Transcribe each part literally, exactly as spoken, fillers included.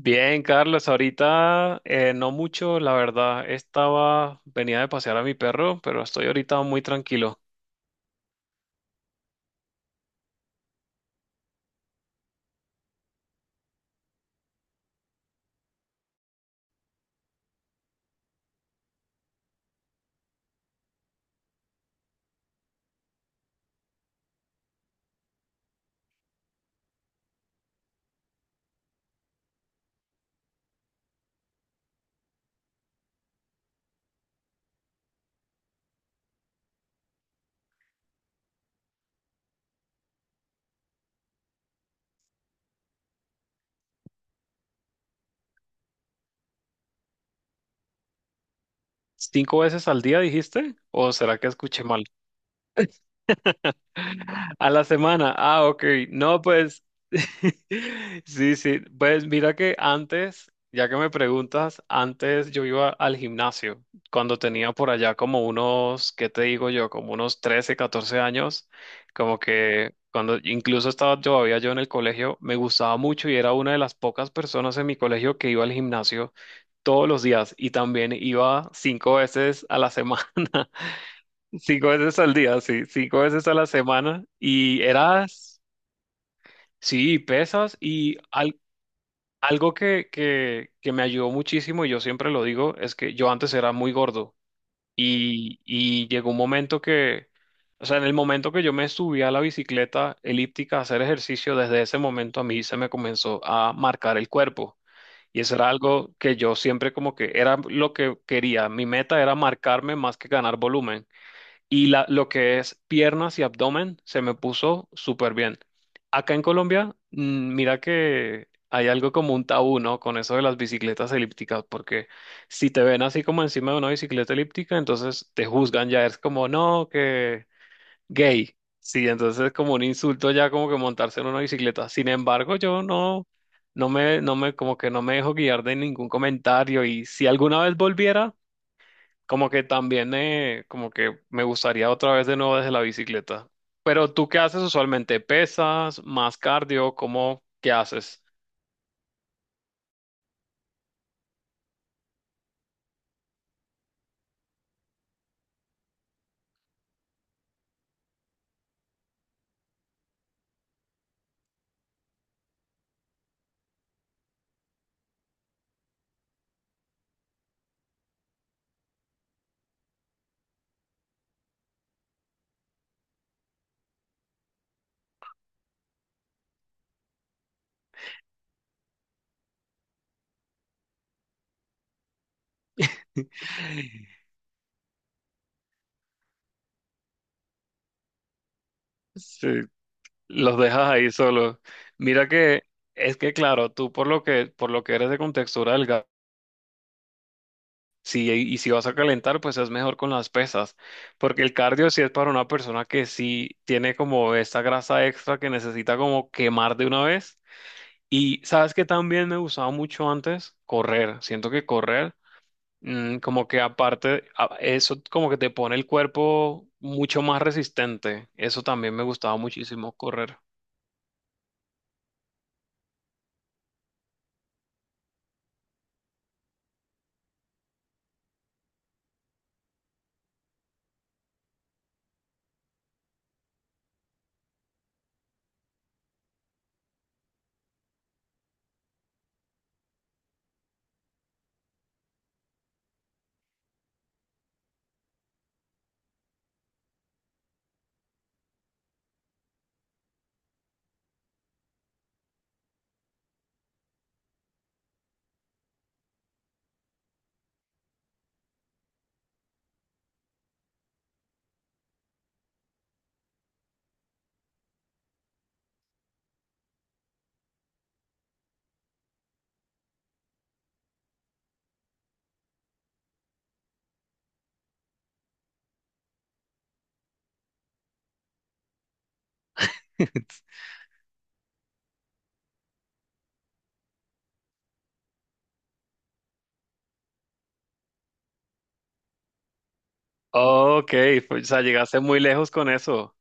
Bien, Carlos, ahorita eh, no mucho, la verdad. Estaba, venía de pasear a mi perro, pero estoy ahorita muy tranquilo. ¿Cinco veces al día dijiste? ¿O será que escuché mal? A la semana. Ah, ok. No, pues. Sí, sí. Pues mira que antes, ya que me preguntas, antes yo iba al gimnasio. Cuando tenía por allá como unos, ¿qué te digo yo? Como unos trece catorce años. Como que cuando incluso estaba todavía yo en el colegio, me gustaba mucho y era una de las pocas personas en mi colegio que iba al gimnasio todos los días y también iba cinco veces a la semana. Cinco veces al día, sí, cinco veces a la semana. Y eras, sí, pesas y al- algo que, que, que me ayudó muchísimo, y yo siempre lo digo, es que yo antes era muy gordo y, y llegó un momento que, o sea, en el momento que yo me subí a la bicicleta elíptica a hacer ejercicio, desde ese momento a mí se me comenzó a marcar el cuerpo. Y eso era algo que yo siempre como que era lo que quería. Mi meta era marcarme más que ganar volumen. Y la, lo que es piernas y abdomen se me puso súper bien. Acá en Colombia, mm, mira que hay algo como un tabú, ¿no? Con eso de las bicicletas elípticas, porque si te ven así como encima de una bicicleta elíptica, entonces te juzgan ya, es como, no, que gay. Sí, entonces es como un insulto ya como que montarse en una bicicleta. Sin embargo, yo no, no me, no me, como que no me dejo guiar de ningún comentario y si alguna vez volviera... Como que también, eh, como que me gustaría otra vez de nuevo desde la bicicleta. Pero tú, ¿qué haces usualmente? ¿Pesas? ¿Más cardio? ¿Cómo? ¿Qué haces? Sí, los dejas ahí solo. Mira que es que claro, tú por lo que por lo que eres de contextura delgada, sí, y si vas a calentar, pues es mejor con las pesas, porque el cardio sí es para una persona que sí tiene como esta grasa extra que necesita como quemar de una vez. Y sabes que también me gustaba mucho antes correr. Siento que correr, mm, como que aparte, a- eso como que te pone el cuerpo mucho más resistente. Eso también me gustaba muchísimo correr. Ok, pues, o sea, llegaste muy lejos con eso.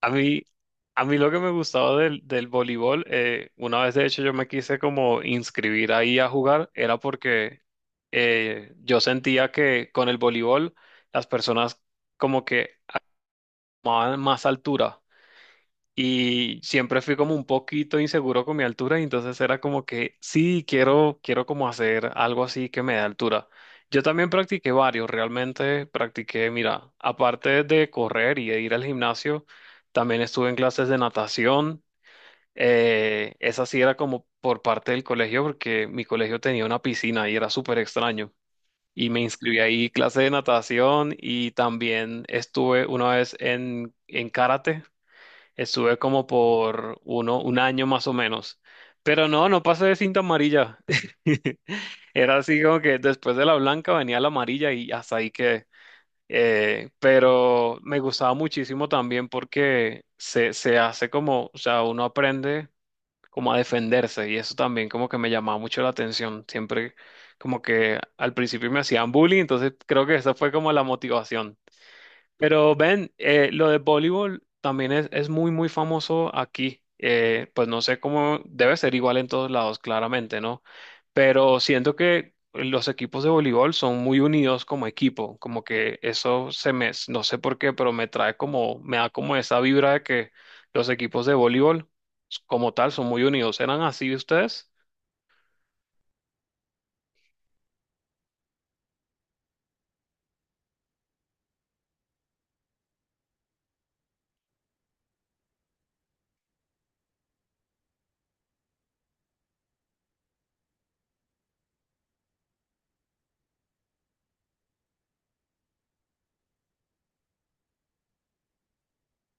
A mí, a mí lo que me gustaba del, del voleibol, eh, una vez de hecho yo me quise como inscribir ahí a jugar, era porque eh, yo sentía que con el voleibol las personas como que más, más altura. Y siempre fui como un poquito inseguro con mi altura, y entonces era como que sí, quiero, quiero como hacer algo así que me dé altura. Yo también practiqué varios, realmente practiqué, mira, aparte de correr y de ir al gimnasio, también estuve en clases de natación. Eh, esa sí era como por parte del colegio, porque mi colegio tenía una piscina y era súper extraño. Y me inscribí ahí clase de natación y también estuve una vez en, en karate. Estuve como por uno, un año más o menos. Pero no, no pasé de cinta amarilla. Era así como que después de la blanca venía la amarilla y hasta ahí que, pero me gustaba muchísimo también porque se, se hace como, o sea, uno aprende como a defenderse y eso también como que me llamaba mucho la atención. Siempre como que al principio me hacían bullying, entonces creo que esa fue como la motivación. Pero ven, eh, lo de voleibol también es, es muy, muy famoso aquí. Eh, pues no sé cómo debe ser igual en todos lados, claramente, ¿no? Pero siento que los equipos de voleibol son muy unidos como equipo, como que eso se me, no sé por qué, pero me trae como, me da como esa vibra de que los equipos de voleibol como tal son muy unidos. ¿Eran así ustedes?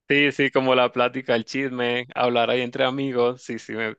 Sí, sí, como la plática, el chisme, hablar ahí entre amigos, sí, sí, me...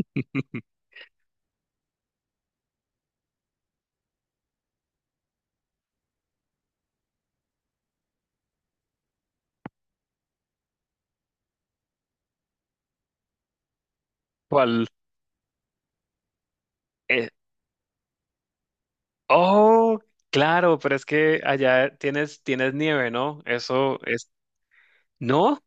¿Cuál? Oh, claro, pero es que allá tienes, tienes nieve, ¿no? Eso es, ¿no?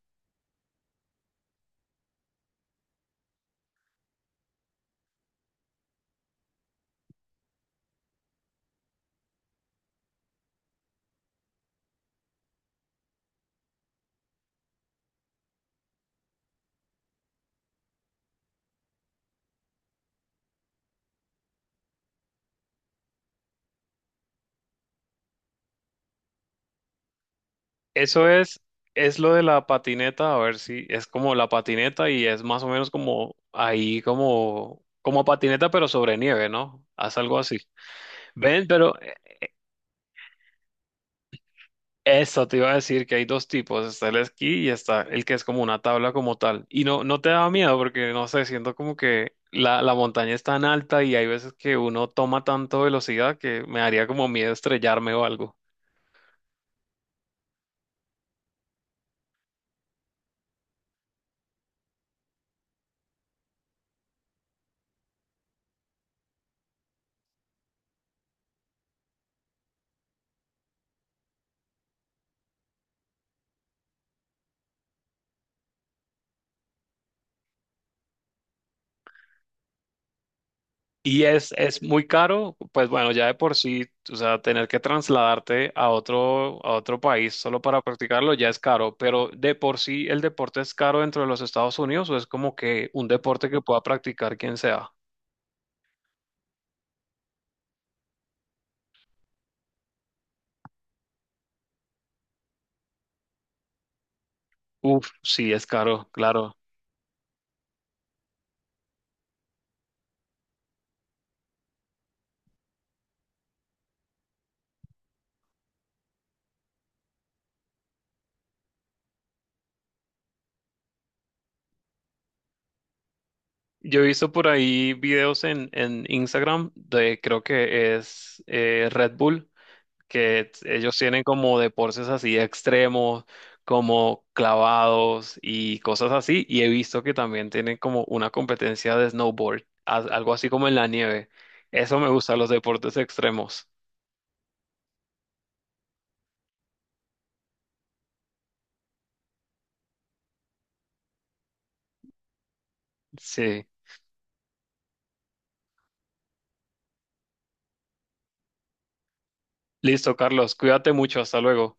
Eso es, es lo de la patineta, a ver si es como la patineta y es más o menos como ahí, como, como patineta, pero sobre nieve, ¿no? Haz algo así. Ven, pero eso te iba a decir que hay dos tipos, está el esquí y está el que es como una tabla como tal. Y no, no te da miedo porque no sé, siento como que la, la montaña es tan alta y hay veces que uno toma tanto velocidad que me daría como miedo estrellarme o algo. Y es, es muy caro, pues bueno, ya de por sí, o sea, tener que trasladarte a otro, a otro país solo para practicarlo ya es caro, pero de por sí el deporte es caro dentro de los Estados Unidos o es como que un deporte que pueda practicar quien sea. Uf, sí, es caro, claro. Yo he visto por ahí videos en, en Instagram de, creo que es eh, Red Bull, que t- ellos tienen como deportes así extremos, como clavados y cosas así. Y he visto que también tienen como una competencia de snowboard, a- algo así como en la nieve. Eso me gusta, los deportes extremos. Sí. Listo, Carlos, cuídate mucho, hasta luego.